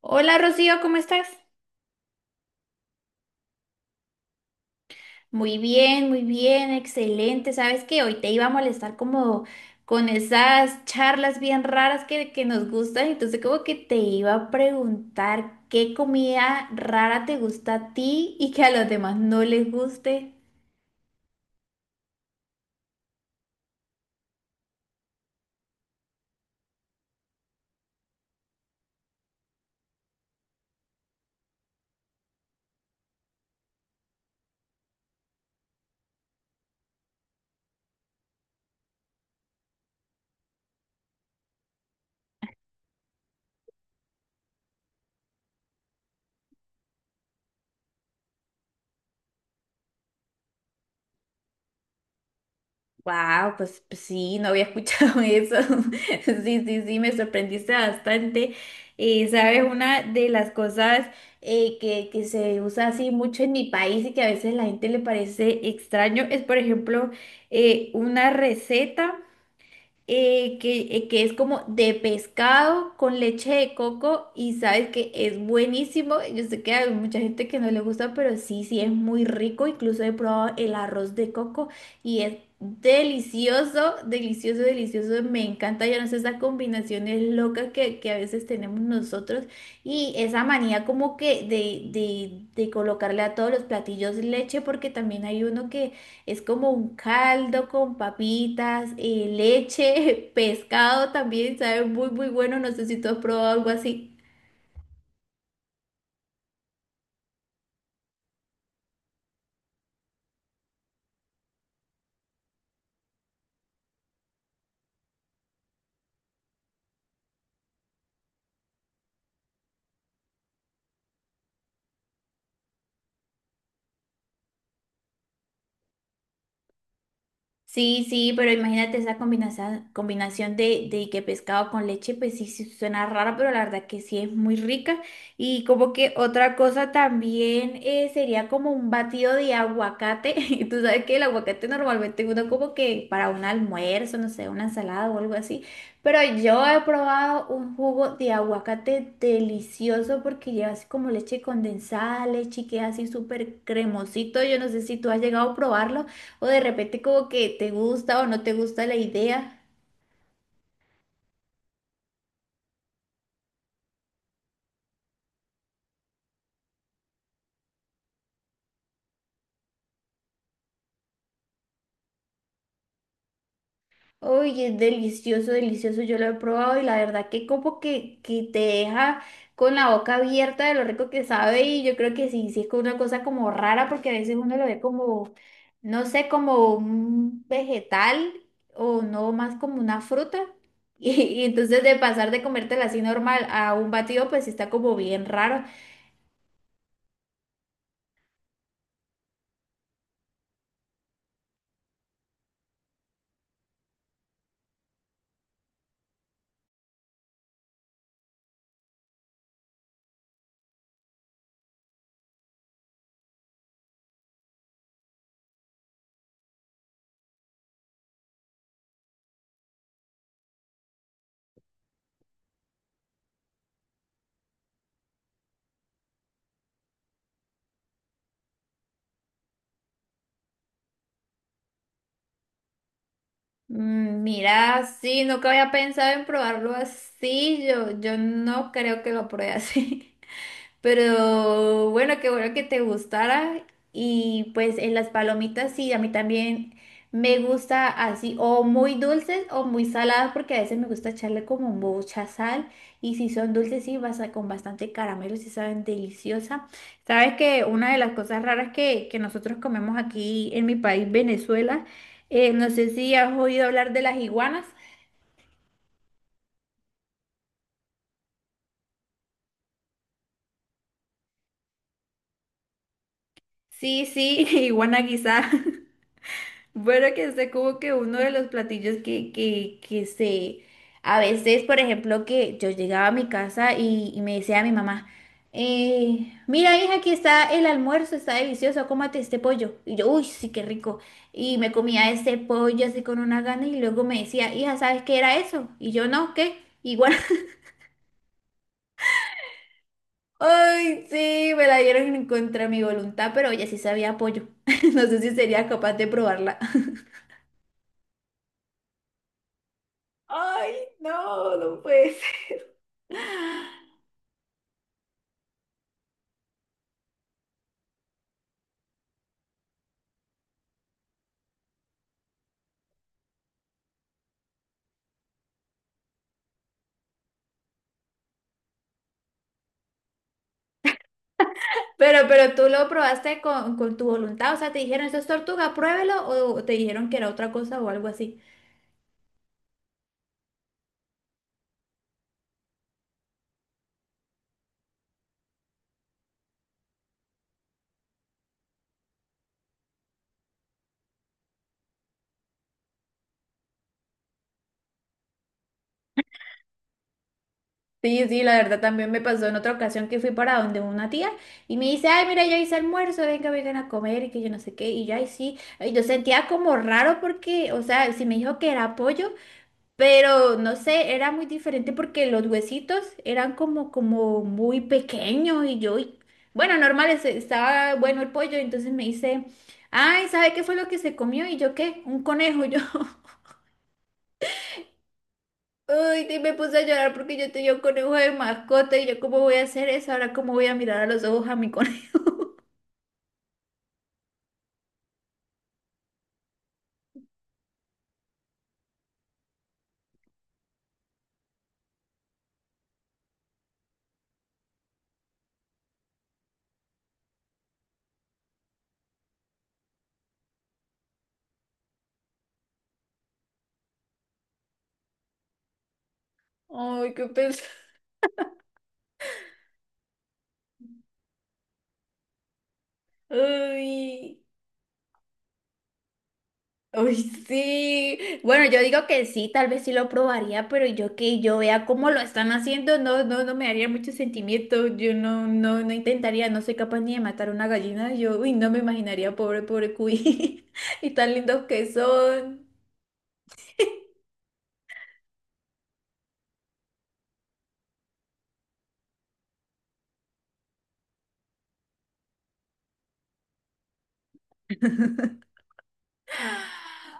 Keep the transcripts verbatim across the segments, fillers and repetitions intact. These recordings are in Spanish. Hola Rocío, ¿cómo estás? Muy bien, muy bien, excelente. Sabes que hoy te iba a molestar como con esas charlas bien raras que, que nos gustan, entonces como que te iba a preguntar qué comida rara te gusta a ti y que a los demás no les guste. Wow, pues, pues sí, no había escuchado eso. Sí, sí, sí, me sorprendiste bastante. Eh, sabes, una de las cosas eh, que, que se usa así mucho en mi país y que a veces la gente le parece extraño es, por ejemplo, eh, una receta eh, que, eh, que es como de pescado con leche de coco, y sabes que es buenísimo. Yo sé que hay mucha gente que no le gusta, pero sí, sí es muy rico. Incluso he probado el arroz de coco y es delicioso, delicioso, delicioso. Me encanta, yo no sé, esas combinaciones locas que, que a veces tenemos nosotros y esa manía como que de, de, de colocarle a todos los platillos leche, porque también hay uno que es como un caldo con papitas, eh, leche, pescado también, sabe muy, muy bueno. No sé si tú has probado algo así. Sí, sí, pero imagínate esa combinación, combinación de, de que pescado con leche, pues sí, sí suena rara, pero la verdad que sí es muy rica. Y como que otra cosa también eh, sería como un batido de aguacate. Y tú sabes que el aguacate normalmente uno como que para un almuerzo, no sé, una ensalada o algo así. Pero yo he probado un jugo de aguacate delicioso, porque lleva así como leche condensada, leche, que es así súper cremosito. Yo no sé si tú has llegado a probarlo, o de repente como que te gusta o no te gusta la idea. Oye, es delicioso, delicioso. Yo lo he probado y la verdad que como que, que te deja con la boca abierta de lo rico que sabe, y yo creo que sí, sí es como una cosa como rara, porque a veces uno lo ve como, no sé, como un vegetal o no más como una fruta. Y, y entonces de pasar de comértela así normal a un batido, pues sí está como bien raro. Mm, mira, sí, nunca había pensado en probarlo así. Yo, yo no creo que lo pruebe así. Pero bueno, qué bueno que te gustara. Y pues en las palomitas sí, a mí también me gusta así, o muy dulces o muy saladas, porque a veces me gusta echarle como mucha sal. Y si son dulces, sí, vas a- con bastante caramelo, sí saben deliciosa. Sabes que una de las cosas raras que, que nosotros comemos aquí en mi país, Venezuela, eh, no sé si has oído hablar de las iguanas. Sí, sí, iguana guisada. Bueno, que es como que uno de los platillos que, que, que se... A veces, por ejemplo, que yo llegaba a mi casa y, y me decía a mi mamá, eh, mira, hija, aquí está el almuerzo, está delicioso, cómate este pollo. Y yo, uy, sí, qué rico. Y me comía este pollo así con una gana y luego me decía, hija, ¿sabes qué era eso? Y yo, no, ¿qué? Igual. Ay, sí, me la dieron en contra de mi voluntad, pero ella sí sabía apoyo. No sé si sería capaz de probarla. Ay, no, no puede ser. Pero, pero tú lo probaste con, con tu voluntad, o sea, te dijeron, esto es tortuga, pruébelo, o te dijeron que era otra cosa o algo así. Sí, sí, la verdad también me pasó en otra ocasión que fui para donde una tía y me dice, ay, mira, yo hice almuerzo, venga, vengan a comer y que yo no sé qué, y yo, ay, sí, y yo sentía como raro porque, o sea, si me dijo que era pollo, pero no sé, era muy diferente porque los huesitos eran como, como muy pequeños, y yo, y- bueno, normal, es- estaba bueno el pollo, entonces me dice, ay, ¿sabe qué fue lo que se comió? Y yo, ¿qué? Un conejo, yo. Uy, y me puse a llorar porque yo tenía un conejo de mascota, y yo, ¿cómo voy a hacer eso? Ahora, ¿cómo voy a mirar a los ojos a mi conejo? Ay, qué pesar. Uy. Uy, sí. Bueno, yo digo que sí, tal vez sí lo probaría, pero yo que yo vea cómo lo están haciendo, no, no, no me haría mucho sentimiento. Yo no, no, no intentaría, no soy capaz ni de matar una gallina. Yo, uy, no me imaginaría, pobre, pobre cuy. Y tan lindos que son.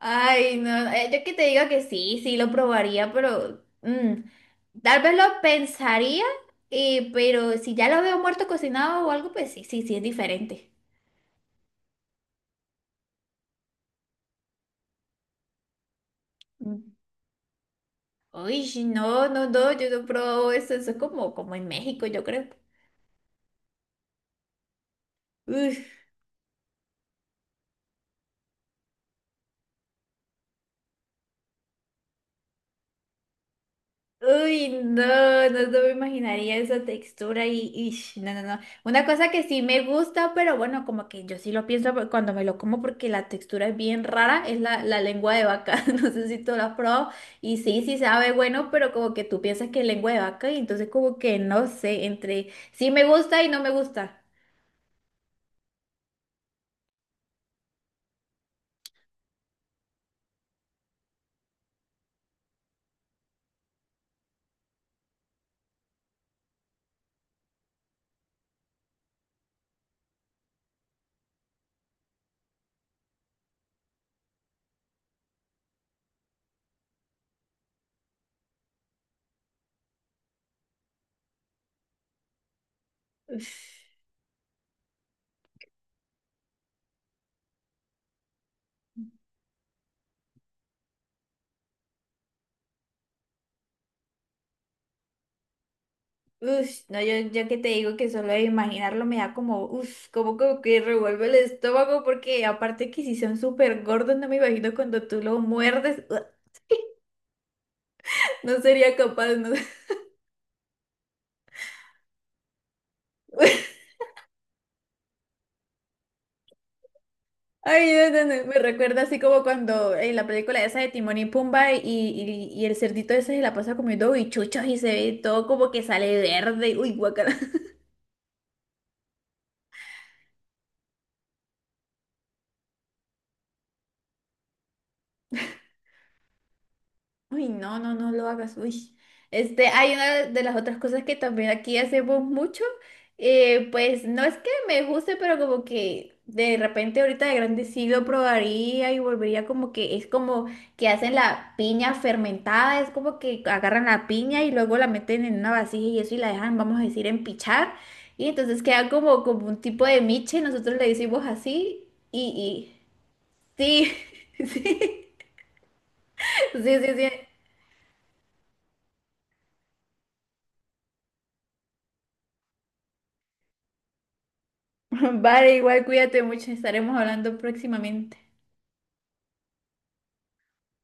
Ay, no. eh, Yo que te diga que sí, sí lo probaría, pero mm, tal vez lo pensaría, eh, pero si ya lo veo muerto cocinado o algo, pues sí, sí, sí es diferente. Uy, sí, no, no, no, yo no he probado eso, eso es como, como en México, yo creo. Uf, uy, no, no, no me imaginaría esa textura y, y no, no, no. Una cosa que sí me gusta, pero bueno, como que yo sí lo pienso por- cuando me lo como, porque la textura es bien rara, es la, la lengua de vaca, no sé si tú la has probado, y sí, sí sabe bueno, pero como que tú piensas que es lengua de vaca, y entonces como que no sé, entre sí me gusta y no me gusta. Uf. Ush, no, yo, yo que te digo que solo de imaginarlo me da como, uff, como, como que revuelve el estómago, porque aparte que si son súper gordos, no me imagino cuando tú lo muerdes, no sería capaz, no. Ay, no, no, no, me recuerda así como cuando en la película esa de Timón y Pumba, y, y, y el cerdito ese se la pasa comiendo bichuchos y se ve todo como que sale verde, uy, guacala. Uy, no, no, no lo hagas. Uy. Este, hay una de las otras cosas que también aquí hacemos mucho. Eh, pues no es que me guste, pero como que de repente ahorita de grande sí lo probaría y volvería, como que es como que hacen la piña fermentada, es como que agarran la piña y luego la meten en una vasija y eso y la dejan, vamos a decir, empichar. Y entonces queda como, como un tipo de miche, nosotros le decimos así, y, y sí, sí. Sí, sí, sí. Vale, igual cuídate mucho, estaremos hablando próximamente.